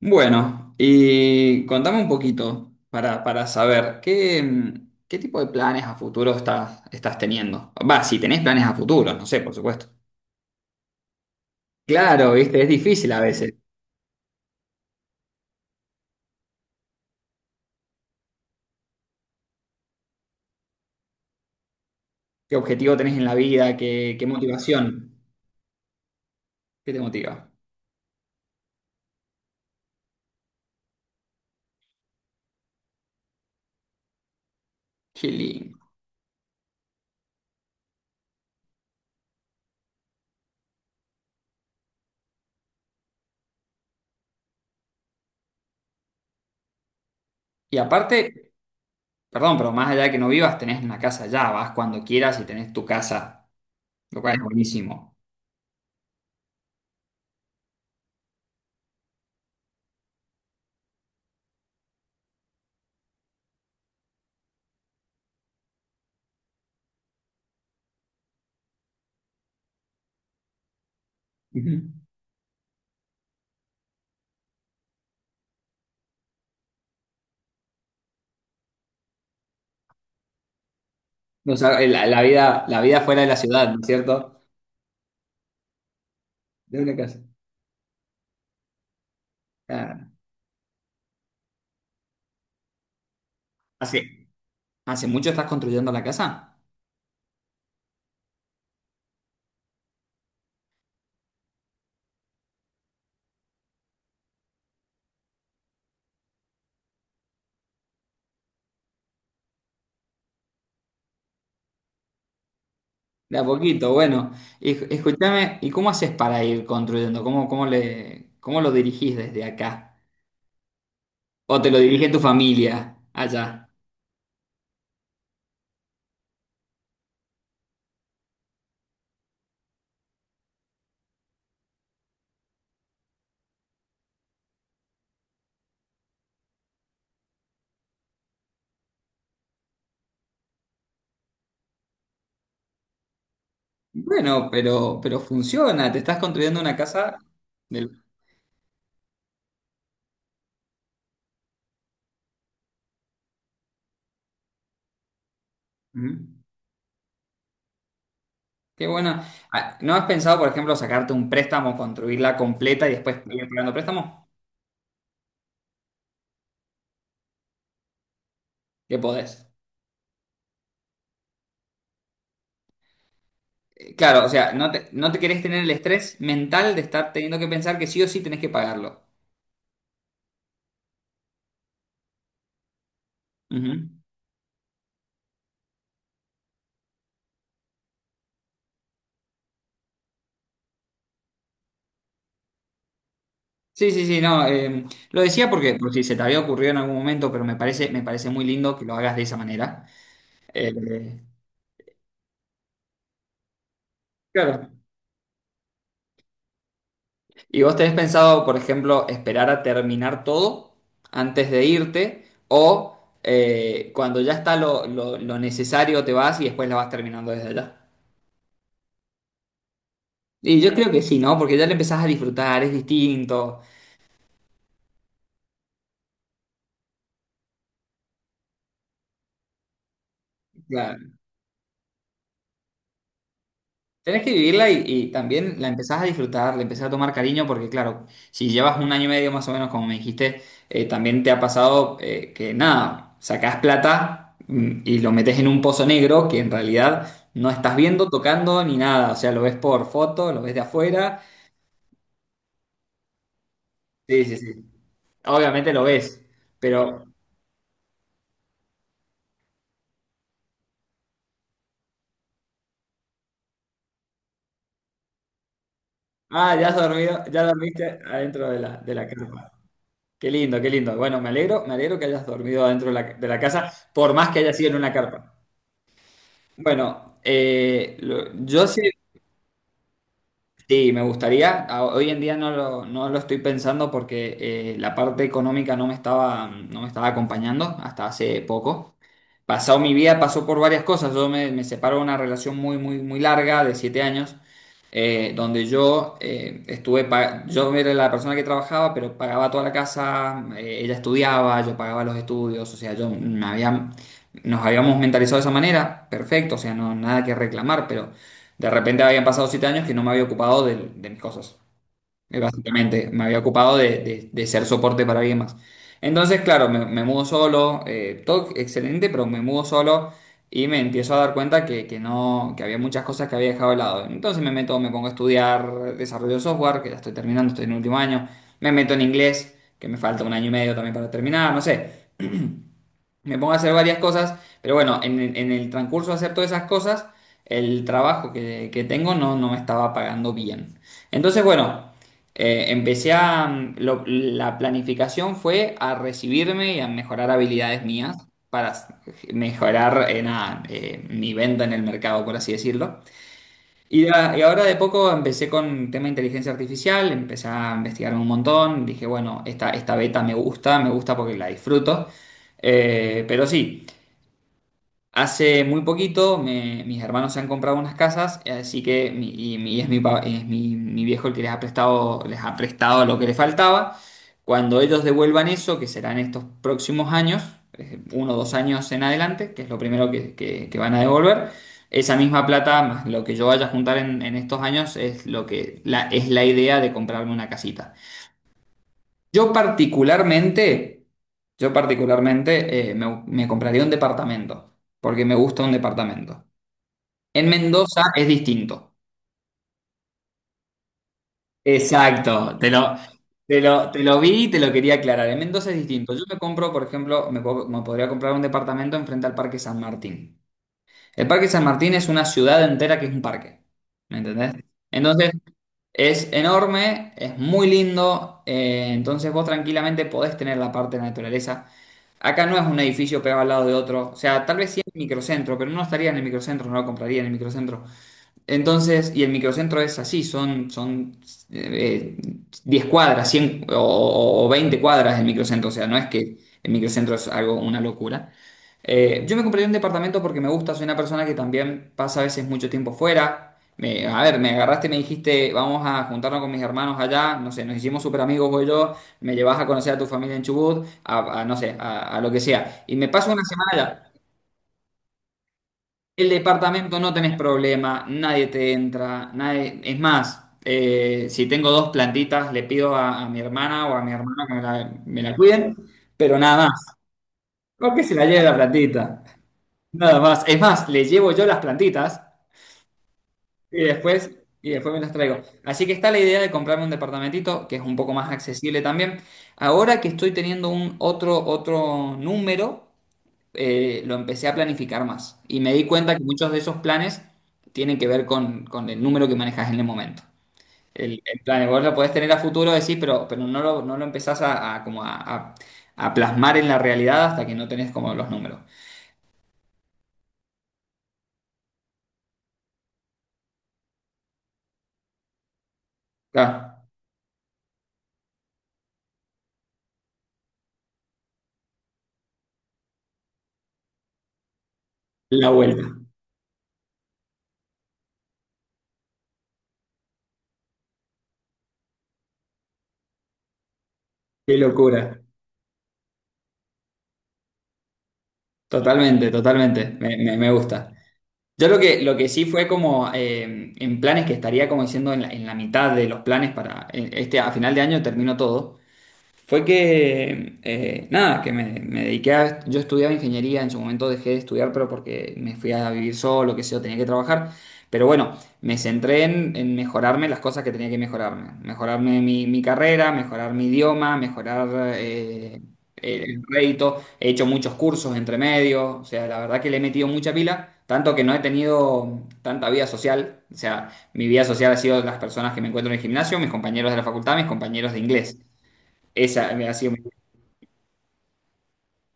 Bueno, y contame un poquito para saber qué, qué tipo de planes a futuro estás teniendo. Va, si tenés planes a futuro, no sé, por supuesto. Claro, viste, es difícil a veces. ¿Qué objetivo tenés en la vida? ¿Qué motivación? ¿Qué te motiva? Qué lindo. Y aparte, perdón, pero más allá de que no vivas, tenés una casa allá, vas cuando quieras y tenés tu casa, lo cual es buenísimo. Ujú. O sea, la vida, la vida fuera de la ciudad, ¿no es cierto? De una casa. Ah, así, ¿hace mucho estás construyendo la casa? De a poquito, bueno. Y, escúchame, ¿y cómo haces para ir construyendo? ¿Cómo lo dirigís desde acá? ¿O te lo dirige tu familia allá? Bueno, pero funciona. Te estás construyendo una casa del... Ujú. Qué bueno. Ah, ¿no has pensado, por ejemplo, sacarte un préstamo, construirla completa y después ir pagando préstamo? ¿Qué podés? Claro, o sea, no te querés tener el estrés mental de estar teniendo que pensar que sí o sí tenés que pagarlo. Ujú. Sí, sí, sí, no, lo decía porque, por si se te había ocurrido en algún momento, pero me parece muy lindo que lo hagas de esa manera. Eh, claro. ¿Y vos tenés pensado, por ejemplo, esperar a terminar todo antes de irte o cuando ya está lo necesario te vas y después la vas terminando desde allá? Y yo creo que sí, ¿no? Porque ya le empezás a disfrutar, es distinto. Claro. Tenés que vivirla y también la empezás a disfrutar, le empezás a tomar cariño, porque claro, si llevas un año y medio más o menos, como me dijiste, también te ha pasado que nada, sacás plata y lo metes en un pozo negro que en realidad no estás viendo, tocando ni nada. O sea, lo ves por foto, lo ves de afuera. Sí, sí, sí. Obviamente lo ves, pero, ah, ya has dormido, ya dormiste adentro de de la carpa. Qué lindo, qué lindo. Bueno, me alegro que hayas dormido adentro de de la casa, por más que haya sido en una carpa. Bueno, yo sí, sí, me gustaría. A- Hoy en día no lo estoy pensando porque la parte económica no me estaba acompañando hasta hace poco pasado mi vida pasó por varias cosas. Me separo de una relación muy, muy, muy larga de 7 años, donde yo estuve, yo era la persona que trabajaba, pero pagaba toda la casa, ella estudiaba, yo pagaba los estudios, o sea, nos habíamos mentalizado de esa manera, perfecto, o sea, no, nada que reclamar, pero de repente habían pasado 7 años que no me había ocupado de mis cosas. Básicamente, me había ocupado de ser soporte para alguien más. Entonces, claro, me mudo solo, todo excelente, pero me mudo solo y me empiezo a dar cuenta que no, que había muchas cosas que había dejado de lado. Entonces me pongo a estudiar desarrollo de software, que ya estoy terminando, estoy en el último año, me meto en inglés, que me falta un año y medio también para terminar, no sé. Me pongo a hacer varias cosas, pero bueno, en el transcurso de hacer todas esas cosas, el trabajo que tengo no me estaba pagando bien. Entonces, bueno, empecé a... la planificación fue a recibirme y a mejorar habilidades mías para s- mejorar nada, mi venta en el mercado, por así decirlo. Y, y ahora de poco empecé con tema de inteligencia artificial, empecé a investigar un montón, dije, bueno, esta beta me gusta porque la disfruto. Pero sí, hace muy poquito mis hermanos se han comprado unas casas, así que mi- y, mi- y es, mi, pa- es mi- mi viejo el que les ha prestado lo que les faltaba. Cuando ellos devuelvan eso, que serán estos próximos años, uno o dos años en adelante, que es lo primero que van a devolver, esa misma plata, más lo que yo vaya a juntar en estos años, es lo que la, es la idea de comprarme una casita. Yo particularmente, yo particularmente me compraría un departamento, porque me gusta un departamento. En Mendoza es distinto. Exacto, te lo vi y te lo quería aclarar. En Mendoza es distinto. Yo me compro, por ejemplo, me podría comprar un departamento enfrente al Parque San Martín. El Parque San Martín es una ciudad entera que es un parque. ¿Me entendés? Entonces, es enorme, es muy lindo. Entonces, vos tranquilamente podés tener la parte de naturaleza. Acá no es un edificio pegado al lado de otro. O sea, tal vez sí en el microcentro, pero no estaría en el microcentro, no lo compraría en el microcentro. Entonces, y el microcentro es así, son eh, eh, cuadras, 100 o 20 cuadras el microcentro. O sea, no es que el microcentro es algo, una locura. Yo me compré un departamento porque me gusta, soy una persona que también pasa a veces mucho tiempo fuera. Me- a ver, me agarraste y me dijiste, vamos a juntarnos con mis hermanos allá, no sé, nos hicimos súper amigos vos y yo, me llevas a conocer a tu familia en Chubut, a, no sé, a lo que sea. Y me paso una semana allá. El departamento no tenés problema, nadie te entra, nadie... Es más, si tengo dos plantitas, le pido a mi hermana o a mi hermano me la cuiden, pero nada más, porque se la lleve la plantita. Nada más. Es más, les llevo yo las plantitas y después, y después me las traigo. Así que está la idea de comprarme un departamentito que es un poco más accesible también. Ahora que estoy teniendo un otro número, lo empecé a planificar más. Y me di cuenta que muchos de esos planes tienen que ver con el número que manejas en el momento. El plan, vos lo podés tener a futuro, decís, pero no lo empezás a como a plasmar en la realidad hasta que no tenés como los números. Claro, la vuelta. Qué locura. Totalmente, totalmente, me gusta. Yo lo que sí fue como en planes que estaría como diciendo en en la mitad de los planes para este a final de año termino todo fue que, nada, me dediqué a... Yo estudiaba ingeniería, en su momento dejé de estudiar, pero porque me fui a vivir solo, que sé yo, tenía que trabajar. Pero bueno, me centré en mejorarme las cosas que tenía que mejorarme. Mejorarme mi carrera, mejorar mi idioma, mejorar eh, el rédito. He hecho muchos cursos entre medio, o sea, la verdad que le he metido mucha pila. Tanto que no he tenido tanta vida social. O sea, mi vida social ha sido las personas que me encuentro en el gimnasio, mis compañeros de la facultad, mis compañeros de inglés. Esa me ha sido mi...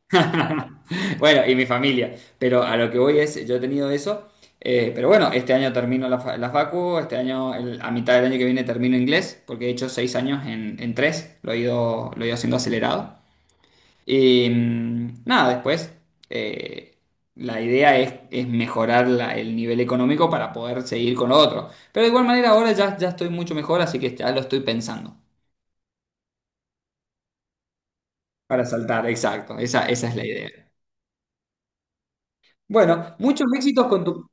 Bueno, y mi familia. Pero a lo que voy es, yo he tenido eso. Pero bueno, este año termino la facu, este año, a mitad del año que viene termino inglés, porque he hecho 6 años en tres, lo he ido haciendo acelerado. Y nada, después eh, la idea es mejorar el nivel económico para poder seguir con lo otro. Pero de igual manera ahora ya, ya estoy mucho mejor, así que ya lo estoy pensando. Para saltar, exacto, esa es la idea. Bueno, muchos éxitos con tu...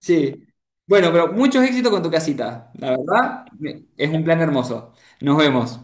Sí. Bueno, pero muchos éxitos con tu casita. La verdad, es un plan hermoso. Nos vemos.